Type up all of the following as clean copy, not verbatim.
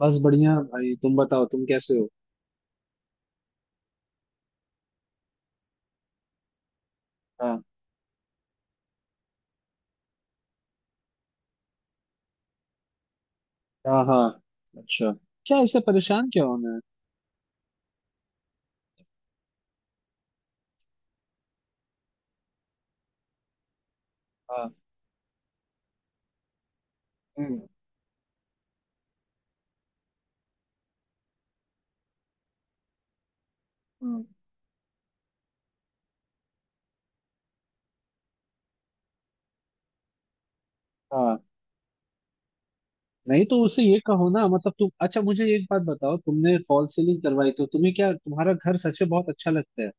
बस बढ़िया भाई। तुम बताओ, तुम कैसे हो? हाँ। हाँ हाँ। अच्छा। क्या ऐसे परेशान क्या होना है? हाँ। हम्म। हम्म। हाँ। नहीं, तो उसे ये कहो ना, मतलब तुम, अच्छा मुझे एक बात बताओ, तुमने फॉल सीलिंग करवाई तो तुम्हें क्या तुम्हारा घर सच में बहुत अच्छा लगता है?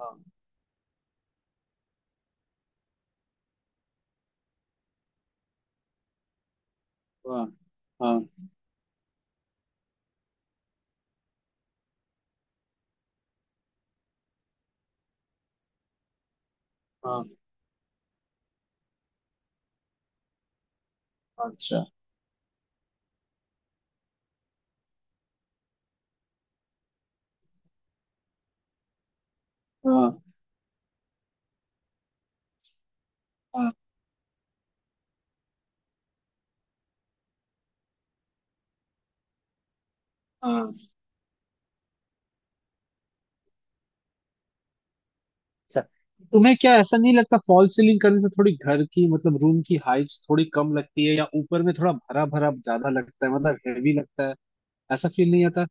हाँ हाँ। हाँ हाँ। अच्छा। हाँ हाँ हाँ। अच्छा, तुम्हें क्या ऐसा नहीं लगता फॉल सीलिंग करने से थोड़ी घर की, मतलब रूम की हाइट थोड़ी कम लगती है, या ऊपर में थोड़ा भरा भरा ज्यादा लगता है, मतलब हेवी लगता है? ऐसा फील नहीं आता?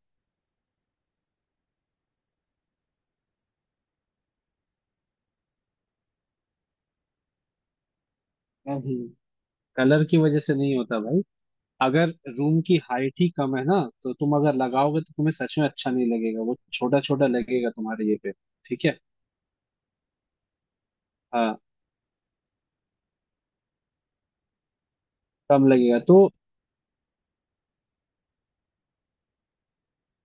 नहीं, कलर की वजह से नहीं होता भाई। अगर रूम की हाइट ही कम है ना, तो तुम अगर लगाओगे तो तुम्हें सच में अच्छा नहीं लगेगा, वो छोटा छोटा लगेगा तुम्हारे ये पे। ठीक है। हाँ, कम लगेगा तो।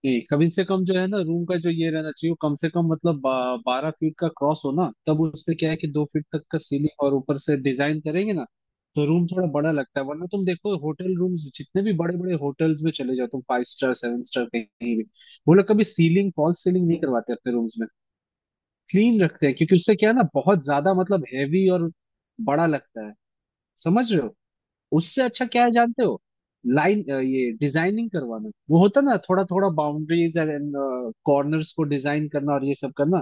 नहीं, कम से कम जो है ना रूम का, जो ये रहना चाहिए वो कम से कम मतलब बारह फीट का क्रॉस हो ना, तब उस पे क्या है कि दो फीट तक का सीलिंग और ऊपर से डिजाइन करेंगे ना। तो रूम थोड़ा बड़ा लगता है। वरना तुम देखो होटल रूम्स, जितने भी बड़े बड़े होटल्स में चले जाओ तुम, फाइव स्टार, सेवन स्टार, कहीं भी, वो लोग कभी सीलिंग, फॉल्स सीलिंग नहीं करवाते अपने रूम्स में। क्लीन रखते हैं, क्योंकि उससे क्या है ना, बहुत ज्यादा मतलब हैवी और बड़ा लगता है। समझ रहे हो? उससे अच्छा क्या है जानते हो, लाइन ये डिजाइनिंग करवाना, वो होता ना थोड़ा थोड़ा, बाउंड्रीज एंड कॉर्नर्स को डिजाइन करना और ये सब करना।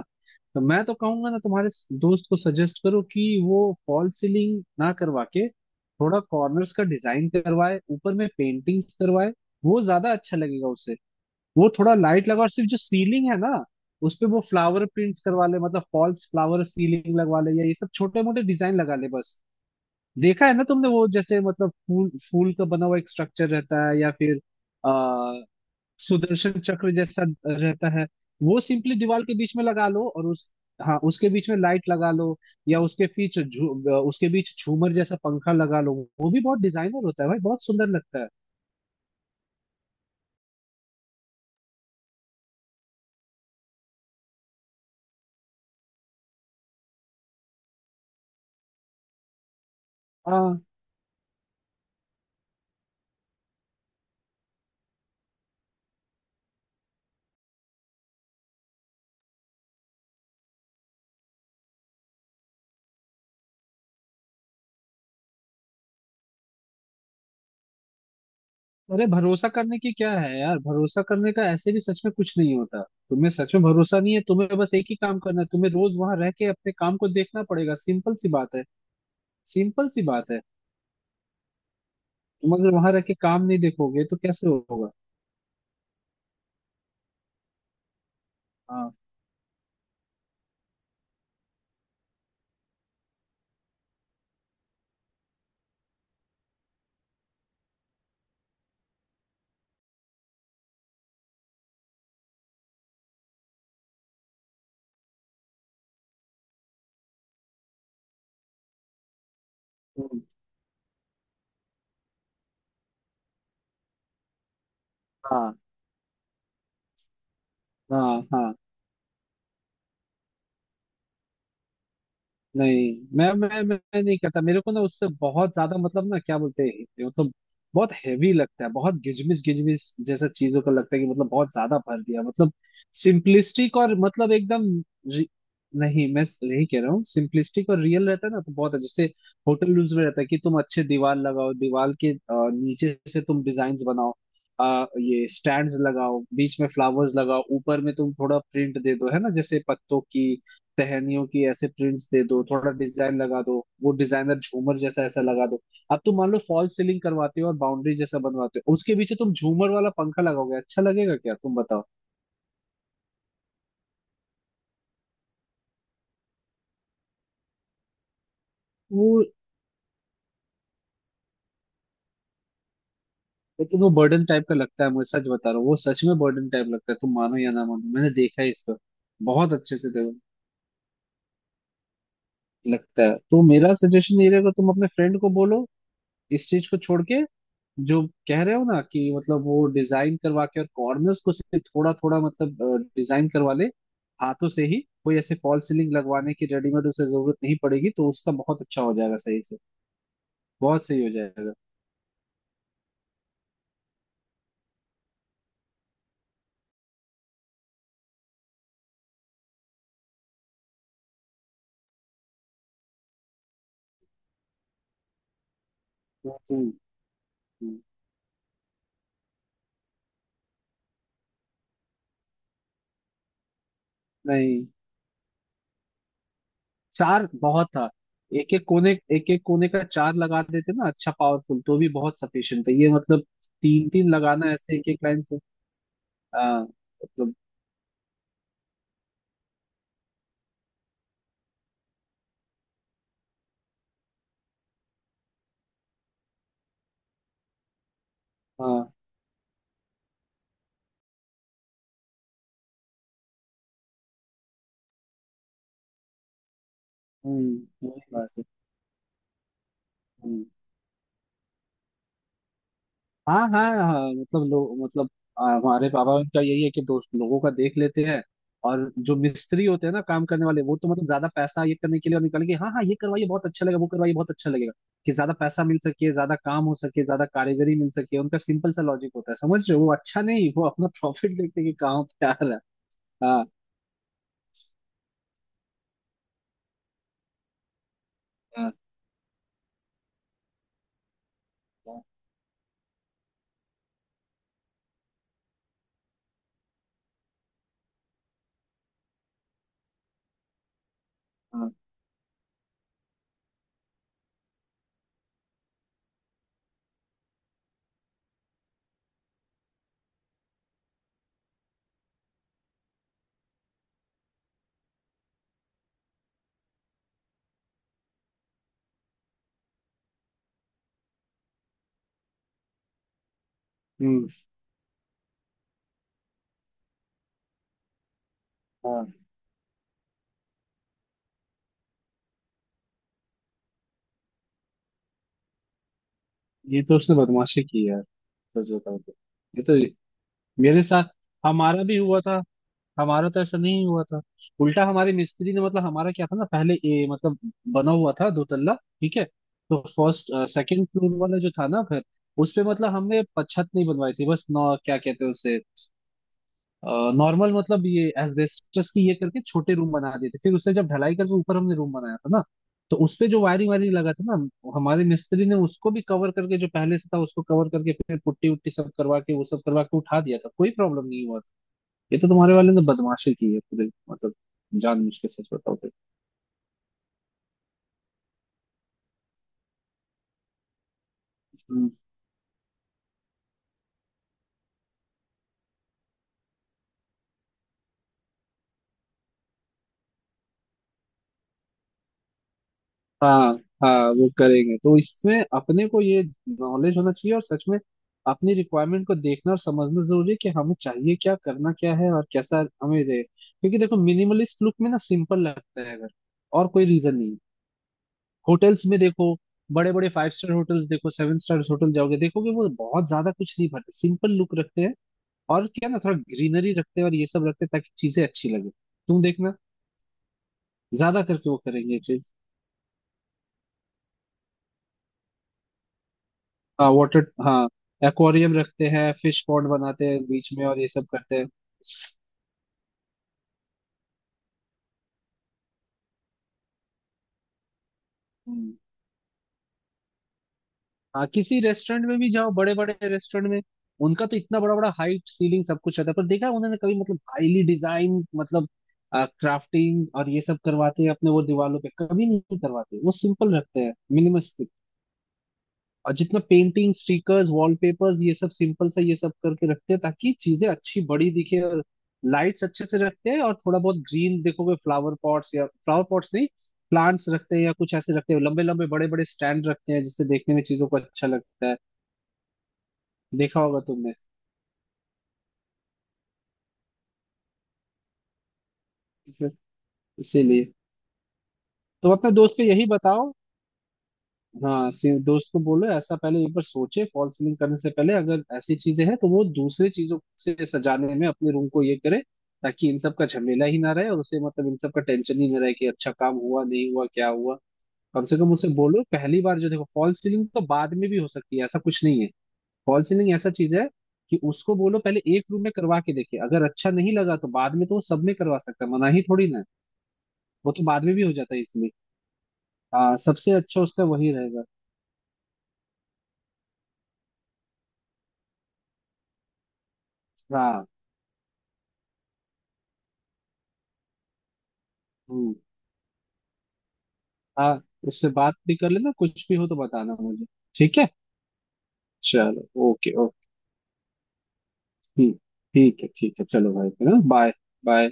तो मैं तो कहूंगा ना, तुम्हारे दोस्त को सजेस्ट करो कि वो फॉल सीलिंग ना करवा के थोड़ा कॉर्नर्स का डिजाइन करवाए, ऊपर में पेंटिंग्स करवाए, वो ज्यादा अच्छा लगेगा उसे। वो थोड़ा लाइट लगा, और सिर्फ जो सीलिंग है ना उस पे वो फ्लावर प्रिंट्स करवा ले, मतलब फॉल्स फ्लावर सीलिंग लगवा ले, या ये सब छोटे मोटे डिजाइन लगा ले बस। देखा है ना तुमने, वो जैसे मतलब फूल फूल का बना हुआ एक स्ट्रक्चर रहता है, या फिर आ, सुदर्शन चक्र जैसा रहता है। वो सिंपली दीवार के बीच में लगा लो, और उस, हाँ उसके बीच में लाइट लगा लो, या उसके बीच उसके बीच झूमर जैसा पंखा लगा लो। वो भी बहुत डिजाइनर होता है भाई, बहुत सुंदर लगता है। हाँ। अरे भरोसा करने की क्या है यार, भरोसा करने का ऐसे भी सच में कुछ नहीं होता। तुम्हें सच में भरोसा नहीं है, तुम्हें बस एक ही काम करना है, तुम्हें रोज वहां रह के अपने काम को देखना पड़ेगा। सिंपल सी बात है। सिंपल सी बात है। तुम अगर वहां रह के काम नहीं देखोगे तो कैसे होगा? हाँ। हम्म। हाँ हाँ हाँ। नहीं, मैं नहीं करता। मेरे को ना उससे बहुत ज्यादा मतलब, ना क्या बोलते हैं, मतलब बहुत हैवी लगता है, बहुत गिजमिस गिजमिस जैसा चीजों का लगता है कि, मतलब बहुत ज्यादा भर दिया मतलब। सिंपलिस्टिक और मतलब एकदम, रि- नहीं, मैं यही कह रहा हूँ सिंपलिस्टिक और रियल रहता है ना, तो बहुत है। जैसे होटल रूम्स में रहता है कि तुम अच्छे दीवार लगाओ, दीवार के नीचे से तुम डिजाइन बनाओ, ये स्टैंड्स लगाओ, बीच में फ्लावर्स लगाओ, ऊपर में तुम थोड़ा प्रिंट दे दो, है ना, जैसे पत्तों की, टहनियों की ऐसे प्रिंट्स दे दो, थोड़ा डिजाइन लगा दो, वो डिजाइनर झूमर जैसा ऐसा लगा दो। अब तुम मान लो फॉल्स सीलिंग करवाते हो और बाउंड्री जैसा बनवाते हो, उसके पीछे तुम झूमर वाला पंखा लगाओगे, अच्छा लगेगा क्या तुम बताओ? वो, लेकिन वो बर्डन टाइप का लगता है मुझे, सच बता रहा हूँ, वो सच में बर्डन टाइप लगता है। तुम मानो या ना मानो, मैंने देखा है इसको बहुत अच्छे से। देखो, लगता है तो मेरा सजेशन ये रहेगा, तुम अपने फ्रेंड को बोलो इस चीज को छोड़ के, जो कह रहे हो ना कि मतलब वो डिजाइन करवा के, और कॉर्नर्स को से थोड़ा थोड़ा मतलब डिजाइन करवा ले, हाथों से ही। कोई ऐसे फॉल्स सीलिंग लगवाने की, रेडीमेड उसे जरूरत नहीं पड़ेगी, तो उसका बहुत अच्छा हो जाएगा सही से। बहुत सही हो जाएगा। हम्म। हम्म। नहीं, चार बहुत था। एक एक कोने, एक एक कोने का चार लगा देते ना, अच्छा पावरफुल तो भी बहुत सफिशियंट है ये, मतलब तीन तीन लगाना ऐसे एक एक लाइन से। हाँ। मतलब। हाँ। हम्म। वही बात है। हम्म। हाँ हाँ हाँ, मतलब लोग, मतलब हमारे पापा का यही है कि दोस्त लोगों का देख लेते हैं, और जो मिस्त्री होते हैं ना काम करने वाले, वो तो मतलब ज्यादा पैसा ये करने के लिए और निकालेंगे। हाँ हाँ, ये करवाइए बहुत अच्छा लगेगा, वो करवाइए बहुत अच्छा लगेगा, कि ज्यादा पैसा मिल सके, ज्यादा काम हो सके, ज्यादा कारीगरी मिल सके। उनका सिंपल सा लॉजिक होता है, समझ रहे हो, वो अच्छा नहीं, वो अपना प्रॉफिट देखते हैं कि कहाँ पे आ रहा है। हाँ हाँ। हाँ हाँ। हम्म। हाँ। ये तो उसने बदमाशी की है, सच बताऊं तो। ये तो मेरे साथ, हमारा भी हुआ था। हमारा तो ऐसा नहीं हुआ था। उल्टा हमारे मिस्त्री ने, मतलब हमारा क्या था ना, पहले मतलब बना हुआ था दो तल्ला। ठीक है। तो फर्स्ट, सेकंड फ्लोर वाला जो था ना घर, उस पे मतलब हमने छत नहीं बनवाई थी बस, नौ, क्या कहते हैं उसे, नॉर्मल मतलब, ये एस्बेस्टस की ये करके छोटे रूम बना दिए थे। फिर उससे जब ढलाई करके ऊपर हमने रूम बनाया था ना, तो उस पे जो वायरिंग वायरिंग लगा था ना, हमारे मिस्त्री ने उसको भी कवर करके, जो पहले से था उसको कवर करके, फिर पुट्टी उट्टी सब करवा के, वो सब करवा के उठा दिया था, कोई प्रॉब्लम नहीं हुआ था। ये तो तुम्हारे वाले ने बदमाशी की है पूरे, मतलब जानबूझ के, सच बताओ तो। हम्म। हाँ हाँ, वो करेंगे तो इसमें अपने को ये नॉलेज होना चाहिए, और सच में अपनी रिक्वायरमेंट को देखना और समझना जरूरी है कि हमें चाहिए क्या, करना क्या है और कैसा हमें रहे। क्योंकि देखो मिनिमलिस्ट लुक में ना सिंपल लगता है, अगर और कोई रीजन नहीं है। होटल्स में देखो, बड़े बड़े फाइव स्टार होटल्स देखो, सेवन स्टार होटल जाओगे देखोगे, वो बहुत ज्यादा कुछ नहीं भरते, सिंपल लुक रखते हैं। और क्या ना, थोड़ा ग्रीनरी रखते हैं और ये सब रखते हैं ताकि चीजें अच्छी लगे। तुम देखना, ज्यादा करके वो करेंगे ये चीज। हाँ वाटर, हाँ एक्वेरियम रखते हैं, फिश पॉन्ड बनाते हैं बीच में और ये सब करते हैं। हम्म। हाँ, किसी रेस्टोरेंट में भी जाओ, बड़े बड़े रेस्टोरेंट में, उनका तो इतना बड़ा बड़ा हाइट, सीलिंग सब कुछ रहता है, पर देखा है उन्होंने कभी मतलब हाईली डिजाइन, मतलब क्राफ्टिंग और ये सब करवाते हैं अपने वो दीवारों पे? कभी नहीं करवाते, वो सिंपल रखते हैं, मिनिमलिस्टिक। और जितना पेंटिंग, स्टिकर्स, वॉलपेपर्स, ये सब सिंपल सा ये सब करके रखते हैं ताकि चीजें अच्छी बड़ी दिखे, और लाइट्स अच्छे से रखते हैं, और थोड़ा बहुत ग्रीन देखोगे, फ्लावर पॉट्स, या फ्लावर पॉट्स नहीं, प्लांट्स रखते हैं या कुछ ऐसे रखते हैं, लंबे लंबे बड़े बड़े स्टैंड रखते हैं, जिससे देखने में चीजों को अच्छा लगता है। देखा होगा तुमने। इसीलिए। तो अपने दोस्त को यही बताओ। हाँ, दोस्त को बोलो, ऐसा पहले एक बार सोचे फॉल सीलिंग करने से पहले, अगर ऐसी चीजें हैं तो वो दूसरे चीजों से सजाने में अपने रूम को ये करे, ताकि इन सब का झमेला ही ना रहे, और उसे मतलब इन सब का टेंशन ही ना रहे कि अच्छा काम हुआ, नहीं हुआ, क्या हुआ। कम से कम उसे बोलो, पहली बार जो, देखो फॉल सीलिंग तो बाद में भी हो सकती है, ऐसा कुछ नहीं है। फॉल सीलिंग ऐसा चीज है कि उसको बोलो पहले एक रूम में करवा के देखे, अगर अच्छा नहीं लगा तो बाद में तो वो सब में करवा सकता है, मना ही थोड़ी ना है। वो तो बाद में भी हो जाता है इसमें। हाँ, सबसे अच्छा उसका वही रहेगा। हाँ। हम्म। हाँ। उससे बात भी कर लेना, कुछ भी हो तो बताना मुझे। ठीक है, चलो ओके ओके। ठीक। ठीक है ठीक है, चलो भाई फिर बाय। बाय।